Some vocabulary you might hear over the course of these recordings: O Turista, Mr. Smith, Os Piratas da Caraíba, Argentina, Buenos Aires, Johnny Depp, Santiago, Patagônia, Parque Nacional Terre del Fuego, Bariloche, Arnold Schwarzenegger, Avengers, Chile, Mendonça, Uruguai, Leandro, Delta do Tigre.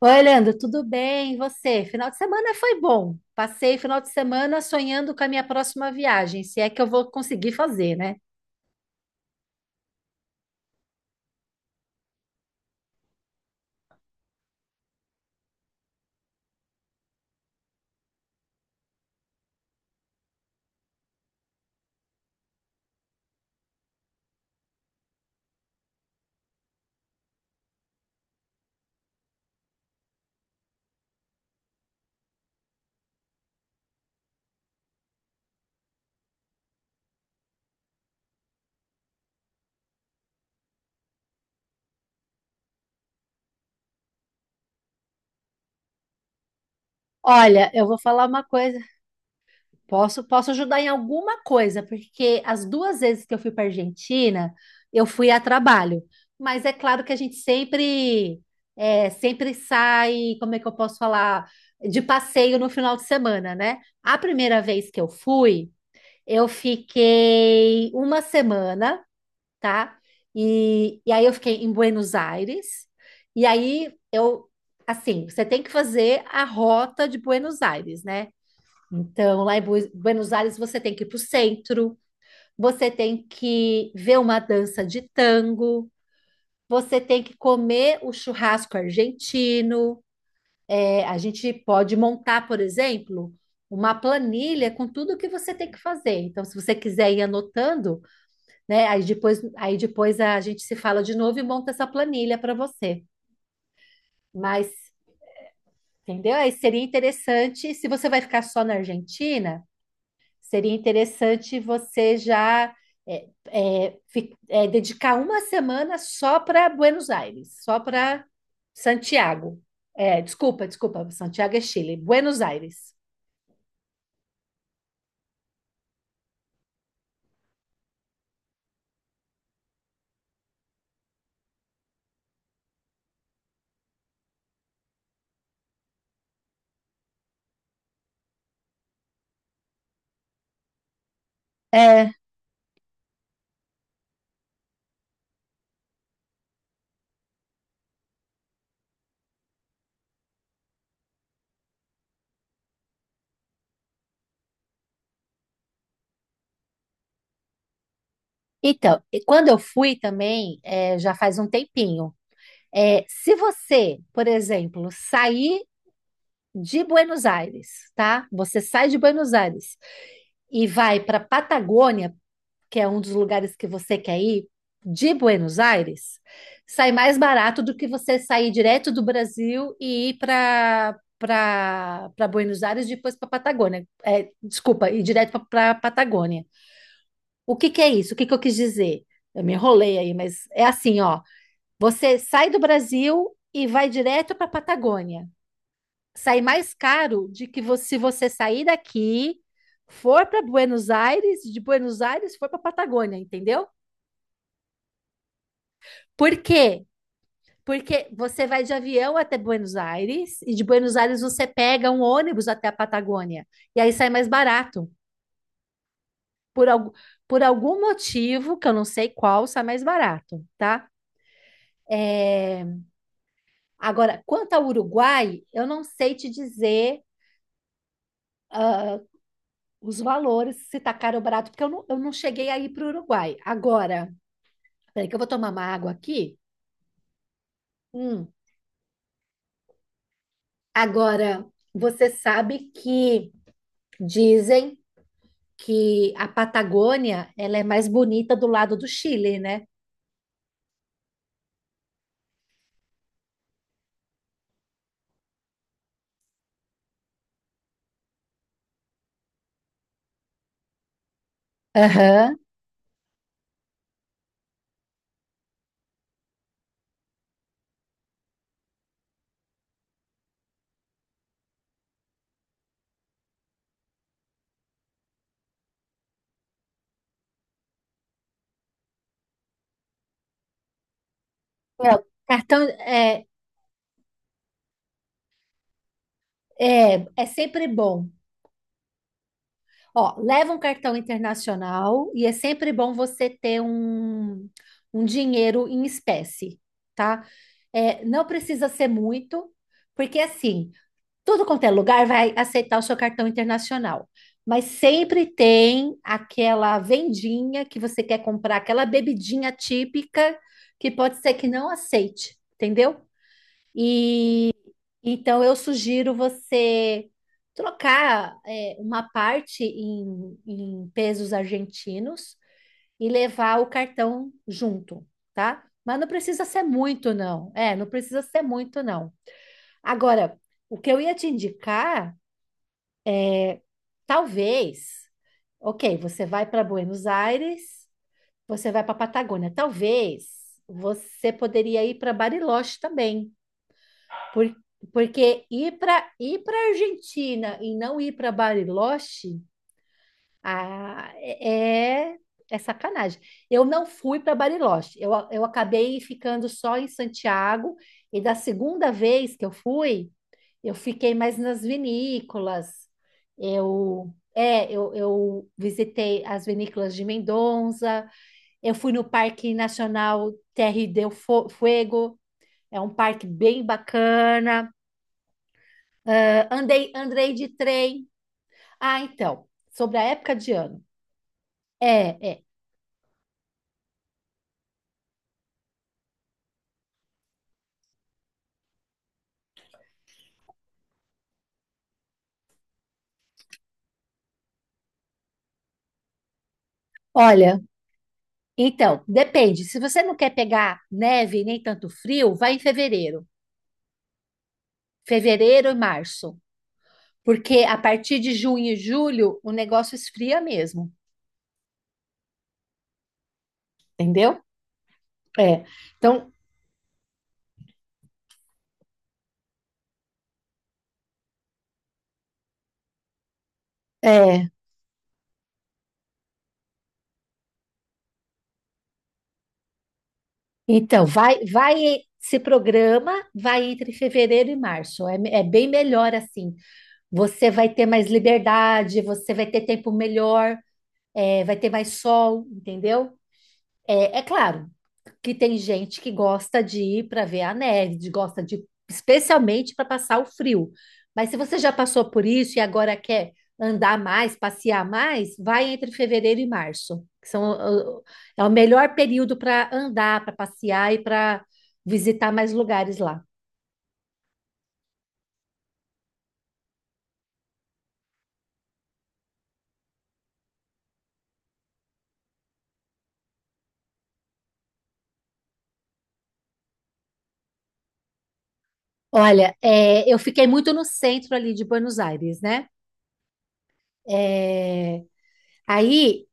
Oi, Leandro, tudo bem? E você? Final de semana foi bom. Passei o final de semana sonhando com a minha próxima viagem, se é que eu vou conseguir fazer, né? Olha, eu vou falar uma coisa. Posso ajudar em alguma coisa, porque as duas vezes que eu fui para Argentina, eu fui a trabalho. Mas é claro que a gente sempre, sempre sai, como é que eu posso falar, de passeio no final de semana, né? A primeira vez que eu fui, eu fiquei uma semana, tá? E aí eu fiquei em Buenos Aires, e aí eu, assim, você tem que fazer a rota de Buenos Aires, né? Então, lá em Buenos Aires, você tem que ir para o centro, você tem que ver uma dança de tango, você tem que comer o churrasco argentino. É, a gente pode montar, por exemplo, uma planilha com tudo que você tem que fazer. Então, se você quiser ir anotando, né? Aí depois a gente se fala de novo e monta essa planilha para você. Mas, entendeu? Aí seria interessante, se você vai ficar só na Argentina, seria interessante você já dedicar uma semana só para Buenos Aires, só para Santiago. É, desculpa, Santiago é Chile, Buenos Aires. É, então, e quando eu fui também, é, já faz um tempinho. É, se você, por exemplo, sair de Buenos Aires, tá? Você sai de Buenos Aires e vai para Patagônia, que é um dos lugares que você quer ir, de Buenos Aires, sai mais barato do que você sair direto do Brasil e ir para Buenos Aires e depois para Patagônia. É, desculpa, ir direto para Patagônia. O que que é isso? O que que eu quis dizer? Eu me enrolei aí, mas é assim, ó. Você sai do Brasil e vai direto para Patagônia sair mais caro de que você, se você sair daqui, for para Buenos Aires, de Buenos Aires for para Patagônia, entendeu? Por quê? Porque você vai de avião até Buenos Aires e de Buenos Aires você pega um ônibus até a Patagônia e aí sai mais barato. Por, al por algum motivo, que eu não sei qual, sai mais barato, tá? É, agora, quanto ao Uruguai, eu não sei te dizer os valores, se tá caro ou barato, porque eu não cheguei aí para o Uruguai. Agora, peraí, que eu vou tomar uma água aqui. Hum. Agora, você sabe que dizem que a Patagônia ela é mais bonita do lado do Chile, né? Aham. Não, cartão é, é, é sempre bom. Ó, leva um cartão internacional e é sempre bom você ter um dinheiro em espécie, tá? É, não precisa ser muito, porque assim, tudo quanto é lugar vai aceitar o seu cartão internacional. Mas sempre tem aquela vendinha que você quer comprar, aquela bebidinha típica que pode ser que não aceite, entendeu? E então eu sugiro você trocar é, uma parte em pesos argentinos e levar o cartão junto, tá? Mas não precisa ser muito, não. É, não precisa ser muito, não. Agora, o que eu ia te indicar. Talvez, ok, você vai para Buenos Aires, você vai para Patagônia. Talvez você poderia ir para Bariloche também, por- porque ir para Argentina e não ir para Bariloche ah, é, é sacanagem. Eu não fui para Bariloche. Eu acabei ficando só em Santiago. E da segunda vez que eu fui, eu fiquei mais nas vinícolas. Eu, é, eu visitei as vinícolas de Mendonça. Eu fui no Parque Nacional Fuego. É um parque bem bacana. Ah, andei de trem. Ah, então, sobre a época de ano. É, é. Olha. Então, depende. Se você não quer pegar neve nem tanto frio, vai em fevereiro. Fevereiro e março. Porque a partir de junho e julho o negócio esfria mesmo, entendeu? É. Então, é. Então, se programa, vai entre fevereiro e março. É, é bem melhor assim. Você vai ter mais liberdade, você vai ter tempo melhor, é, vai ter mais sol, entendeu? É, é claro, que tem gente que gosta de ir para ver a neve, de- gosta de especialmente para passar o frio. Mas se você já passou por isso e agora quer andar mais, passear mais, vai entre fevereiro e março, que são uh, é o melhor período para andar, para passear e para visitar mais lugares lá. Olha, é, eu fiquei muito no centro ali de Buenos Aires, né? É, aí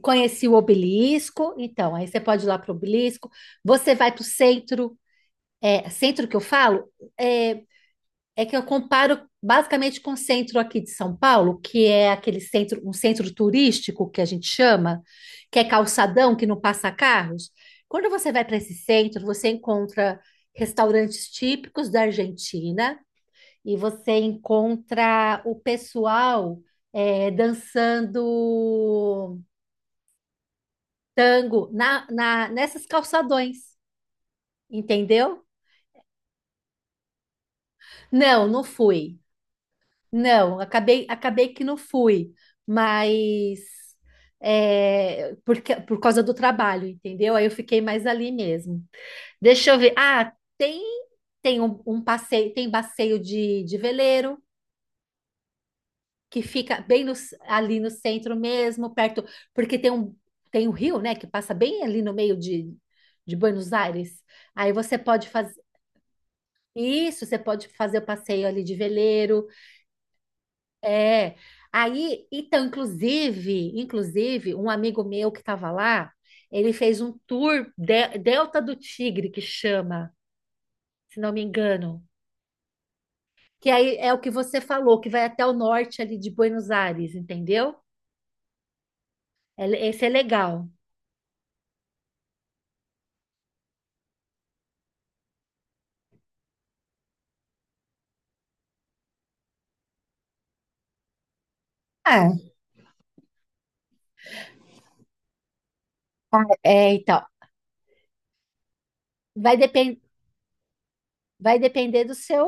conheci o obelisco, então aí você pode ir lá para o obelisco. Você vai para o centro, é, centro que eu falo é, é que eu comparo basicamente com o centro aqui de São Paulo, que é aquele centro, um centro turístico que a gente chama, que é calçadão, que não passa carros. Quando você vai para esse centro, você encontra restaurantes típicos da Argentina e você encontra o pessoal é, dançando tango nessas calçadões, entendeu? Não, não fui. Não, acabei que não fui, mas é, porque, por causa do trabalho, entendeu? Aí eu fiquei mais ali mesmo. Deixa eu ver. Ah, um passeio, tem passeio de veleiro que fica bem no, ali no centro mesmo, perto, porque tem um rio, né, que passa bem ali no meio de Buenos Aires. Aí você pode fazer isso, você pode fazer o passeio ali de veleiro. É. Aí, então, inclusive, um amigo meu que estava lá, ele fez um tour Delta do Tigre, que chama, se não me engano. Que aí é o que você falou, que vai até o norte ali de Buenos Aires, entendeu? Esse é legal. É, é, então, vai. Vai depender do seu,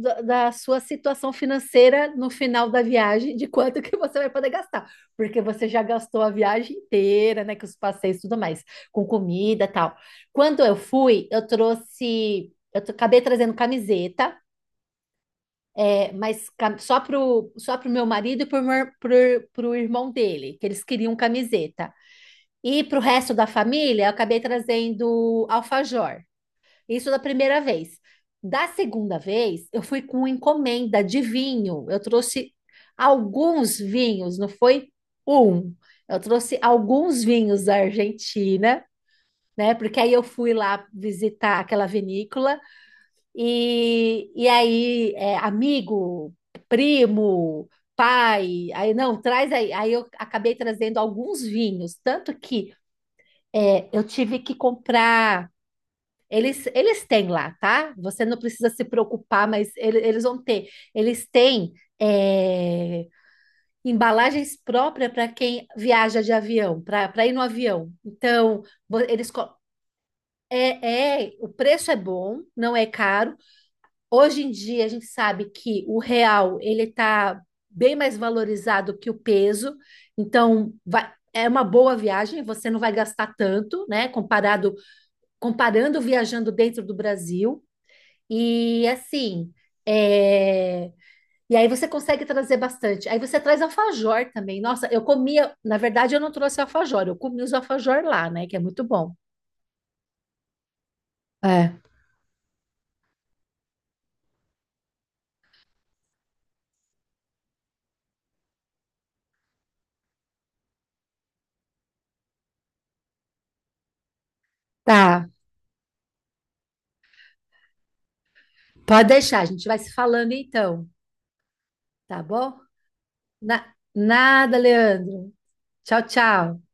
da sua situação financeira no final da viagem, de quanto que você vai poder gastar, porque você já gastou a viagem inteira, né, com os passeios e tudo mais, com comida, e tal. Quando eu fui, eu trouxe, acabei trazendo camiseta, é, mas só pro meu marido e pro irmão dele, que eles queriam camiseta. E pro resto da família, eu acabei trazendo alfajor. Isso da primeira vez. Da segunda vez, eu fui com encomenda de vinho. Eu trouxe alguns vinhos, não foi um. Eu trouxe alguns vinhos da Argentina, né? Porque aí eu fui lá visitar aquela vinícola e aí, é, amigo, primo, pai, aí não, traz aí. Aí eu acabei trazendo alguns vinhos, tanto que é, eu tive que comprar. Eles têm lá, tá? Você não precisa se preocupar, mas eles vão ter. Eles têm é, embalagens próprias para quem viaja de avião, para ir no avião. Então, é, é, o preço é bom, não é caro. Hoje em dia a gente sabe que o real ele está bem mais valorizado que o peso, então é uma boa viagem. Você não vai gastar tanto, né? Comparado comparando viajando dentro do Brasil. E assim, é, e aí você consegue trazer bastante. Aí você traz alfajor também. Nossa, eu comia, na verdade eu não trouxe alfajor, eu comi os alfajor lá, né, que é muito bom. É, tá. Pode deixar, a gente vai se falando então, tá bom? Nada, Leandro. Tchau, tchau.